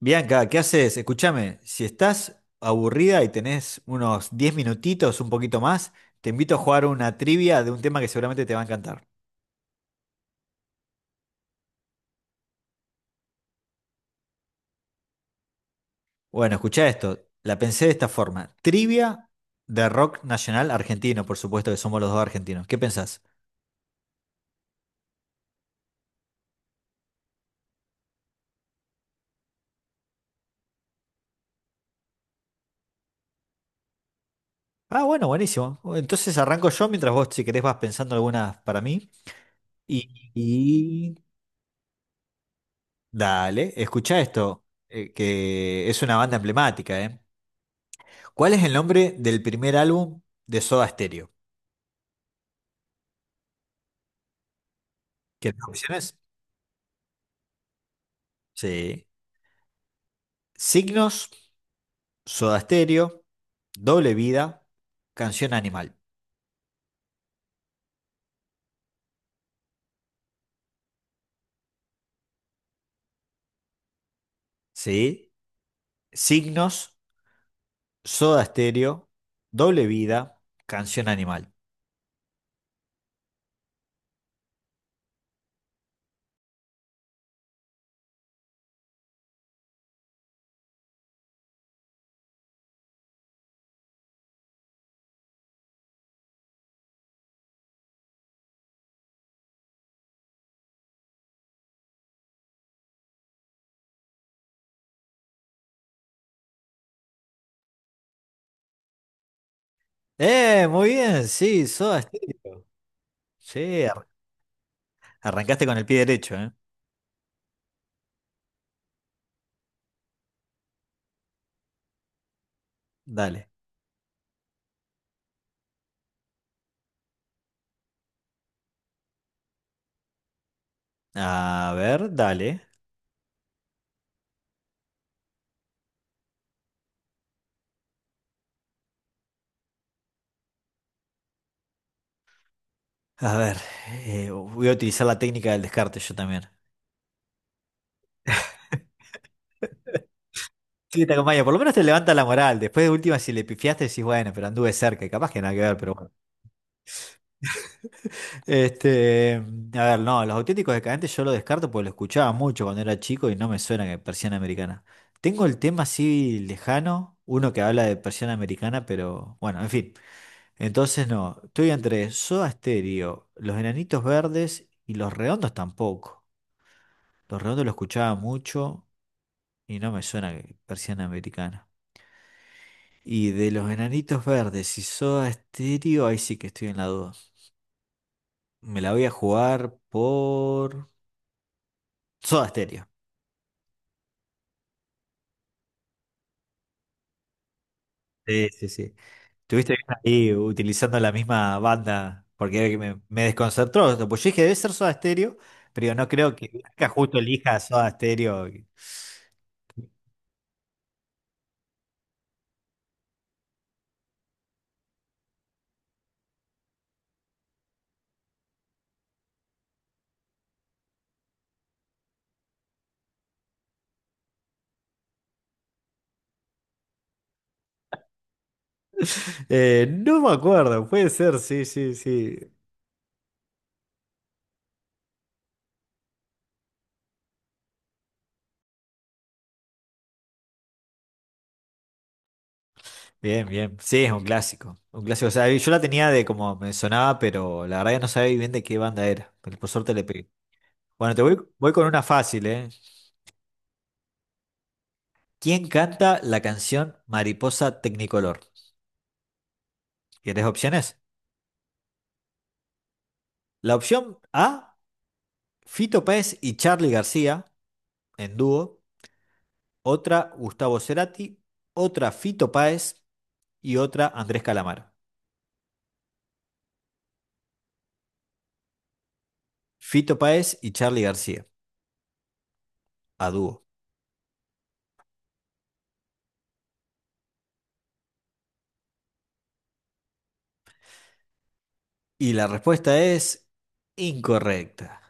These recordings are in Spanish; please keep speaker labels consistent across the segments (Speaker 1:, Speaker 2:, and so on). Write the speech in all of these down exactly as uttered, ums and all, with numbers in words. Speaker 1: Bianca, ¿qué haces? Escúchame, si estás aburrida y tenés unos diez minutitos, un poquito más, te invito a jugar una trivia de un tema que seguramente te va a encantar. Bueno, escuchá esto, la pensé de esta forma. Trivia de rock nacional argentino, por supuesto que somos los dos argentinos. ¿Qué pensás? Ah, bueno, buenísimo. Entonces arranco yo mientras vos, si querés, vas pensando algunas para mí. Y, y- Dale, escuchá esto, eh, que es una banda emblemática, ¿eh? ¿Cuál es el nombre del primer álbum de Soda Stereo? ¿Quieres opciones? Sí. Signos, Soda Stereo, Doble Vida, Canción Animal. Sí. Signos, Soda Stereo, Doble Vida, Canción Animal. ¡Eh! Muy bien, sí, Soda Stereo. Sí, ar- Arrancaste con el pie derecho, ¿eh? Dale. A ver, dale. A ver, eh, voy a utilizar la técnica del descarte yo también. Sí, te acompaño. Por lo menos te levanta la moral. Después de última, si le pifiaste, decís, bueno, pero anduve cerca. Y capaz que nada que ver, pero bueno. Este, a ver, no, los auténticos decadentes yo lo descarto porque lo escuchaba mucho cuando era chico y no me suena que persiana americana. Tengo el tema así lejano, uno que habla de persiana americana, pero bueno, en fin. Entonces no, estoy entre Soda Stereo, Los Enanitos Verdes y Los Redondos tampoco. Los Redondos lo escuchaba mucho y no me suena que persiana americana. Y de Los Enanitos Verdes y Soda Stereo, ahí sí que estoy en la duda. Me la voy a jugar por... Soda Stereo. Sí, sí, sí. Estuviste ahí utilizando la misma banda, porque me, me desconcertó. Pues yo dije, debe ser Soda Stereo, pero digo, no creo que Blanca justo elija Soda Stereo. Eh, no me acuerdo, puede ser, sí, sí, sí. Bien, bien. Sí, es un clásico. Un clásico. O sea, yo la tenía de como me sonaba, pero la verdad que no sabía bien de qué banda era. Pero por suerte le pegué. Bueno, te voy, voy con una fácil, ¿eh? ¿Quién canta la canción Mariposa Tecnicolor? ¿Querés opciones? La opción A, Fito Páez y Charly García en dúo. Otra, Gustavo Cerati. Otra, Fito Páez. Y otra, Andrés Calamaro. Fito Páez y Charly García a dúo. Y la respuesta es incorrecta.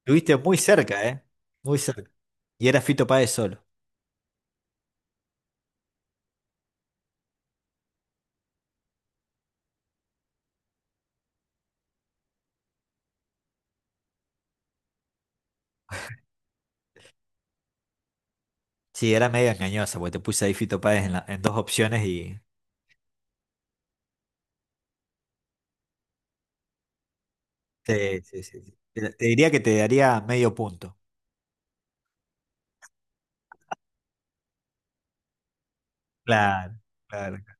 Speaker 1: Estuviste muy cerca, ¿eh? Muy cerca. Y era Fito Páez solo. Sí, era medio engañosa porque te puse ahí Fito Páez en, la- en dos opciones y... Sí, sí, sí, sí. Te te diría que te daría medio punto. Claro, claro, claro.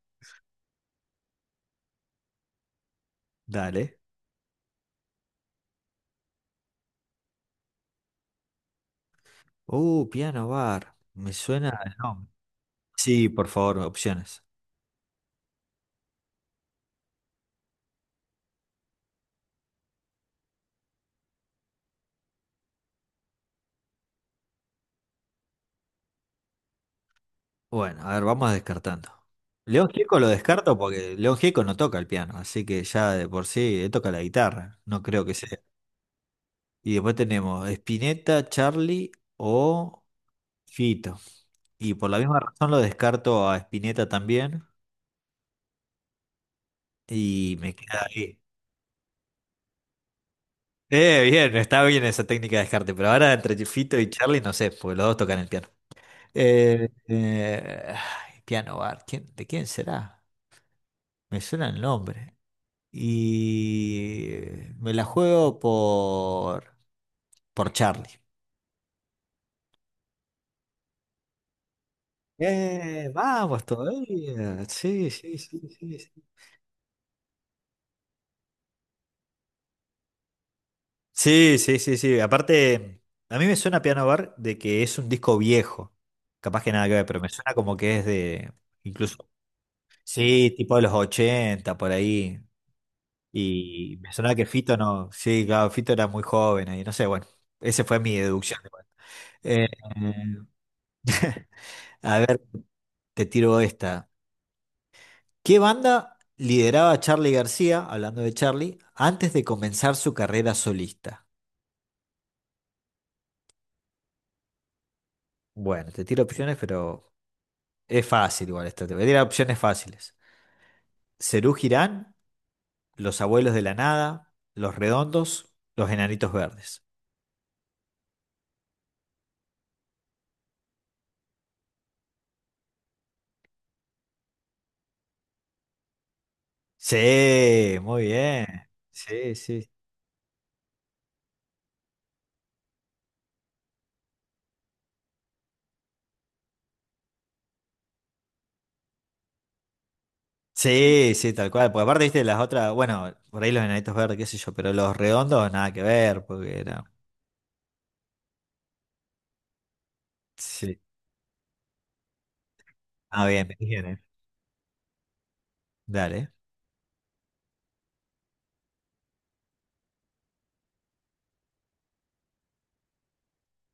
Speaker 1: Dale. Uh, piano bar. Me suena el nombre. Sí, por favor, opciones. Bueno, a ver, vamos descartando. León Gieco lo descarto porque León Gieco no toca el piano, así que ya de por sí él toca la guitarra, no creo que sea. Y después tenemos Spinetta, Charlie o Fito. Y por la misma razón lo descarto a Spinetta también y me queda ahí. Eh, bien, está bien esa técnica de descarte, pero ahora entre Fito y Charlie no sé, porque los dos tocan el piano. Eh, eh, ay, Piano Bar, ¿quién- ¿de quién será? Me suena el nombre. Y me la juego por, por Charlie. Eh, vamos todavía. Sí, sí, sí, sí, sí, sí, sí, sí. sí. Aparte, a mí me suena Piano Bar de que es un disco viejo. Capaz que nada que ver, pero me suena como que es de incluso, sí, tipo de los ochenta por ahí. Y me sonaba que Fito no, sí, claro, Fito era muy joven y no sé, bueno, esa fue mi deducción igual. Eh, a ver, te tiro esta. ¿Qué banda lideraba Charly García, hablando de Charly, antes de comenzar su carrera solista? Bueno, te tiro opciones, pero es fácil igual esta. Te voy a tirar opciones fáciles. Serú Girán, Los Abuelos de la Nada, Los Redondos, Los Enanitos Verdes. Sí, muy bien. Sí, sí, sí, sí, tal cual. Porque aparte, viste, las otras, bueno, por ahí los enanitos verdes, qué sé yo, pero los redondos nada que ver, porque era. Sí. Ah, bien, me dijeron. Dale,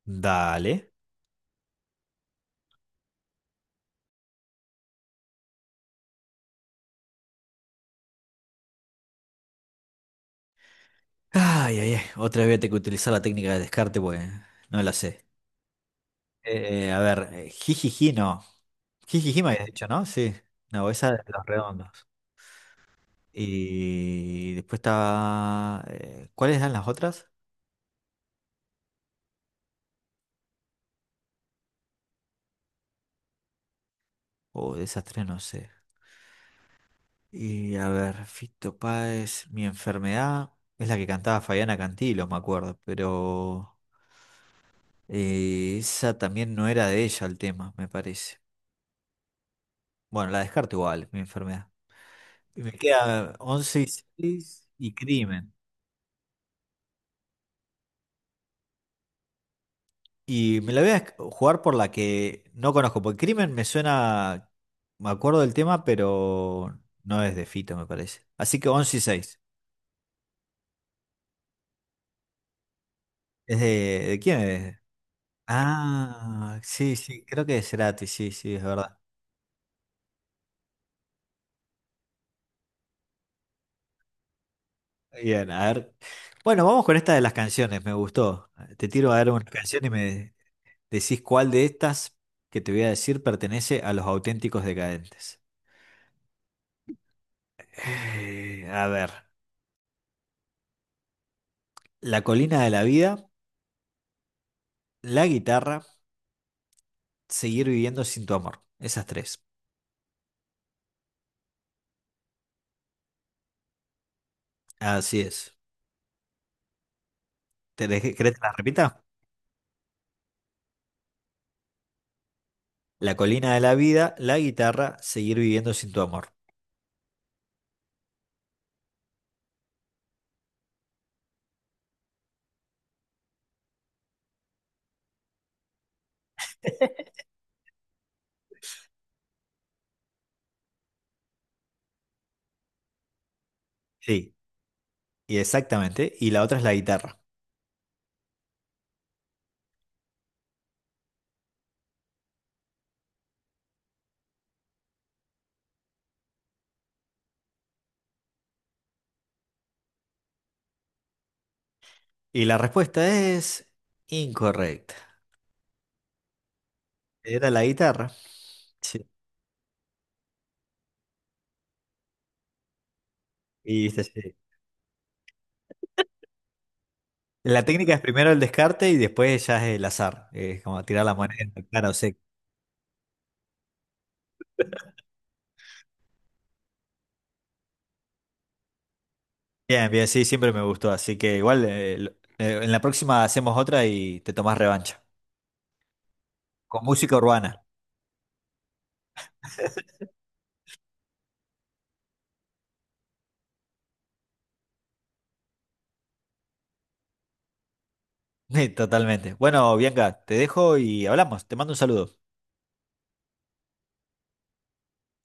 Speaker 1: dale. Ay, ay, ay. Otra vez voy a tener que utilizar la técnica de descarte, pues no la sé. Eh, a ver, eh, jijiji, no. Jijiji me habías dicho, ¿no? Sí. No, esa de los redondos. Y después estaba, eh, ¿cuáles eran las otras? Oh, de esas tres no sé. Y a ver, Fito Páez, mi enfermedad es la que cantaba Fabiana Cantilo, me acuerdo, pero eh, esa también no era de ella el tema, me parece. Bueno, la descarto igual, mi enfermedad. Y me queda once y seis y Crimen. Y me la voy a esc- jugar por la que no conozco, porque Crimen me suena, me acuerdo del tema, pero no es de Fito, me parece. Así que once y seis. ¿Es de, de quién es? Ah, sí, sí, creo que es Cerati, sí, sí, es verdad. Bien, a ver. Bueno, vamos con esta de las canciones, me gustó. Te tiro a dar una canción y me decís cuál de estas que te voy a decir pertenece a los auténticos decadentes. Eh, a ver, La colina de la vida, La guitarra, Seguir viviendo sin tu amor. Esas tres. Así es. ¿Te dejé- ¿Querés que las repita? La colina de la vida, La guitarra, Seguir viviendo sin tu amor. Sí, y exactamente. Y la otra es la guitarra. Y la respuesta es incorrecta. Era la guitarra. Sí. Y sí, sí. La técnica es primero el descarte y después ya es el azar. Es como tirar la moneda. Claro, sí. Bien, bien, sí, siempre me gustó. Así que igual eh, lo- eh, en la próxima hacemos otra y te tomás revancha. Con música urbana. Totalmente. Bueno, Bianca, te dejo y hablamos. Te mando un saludo.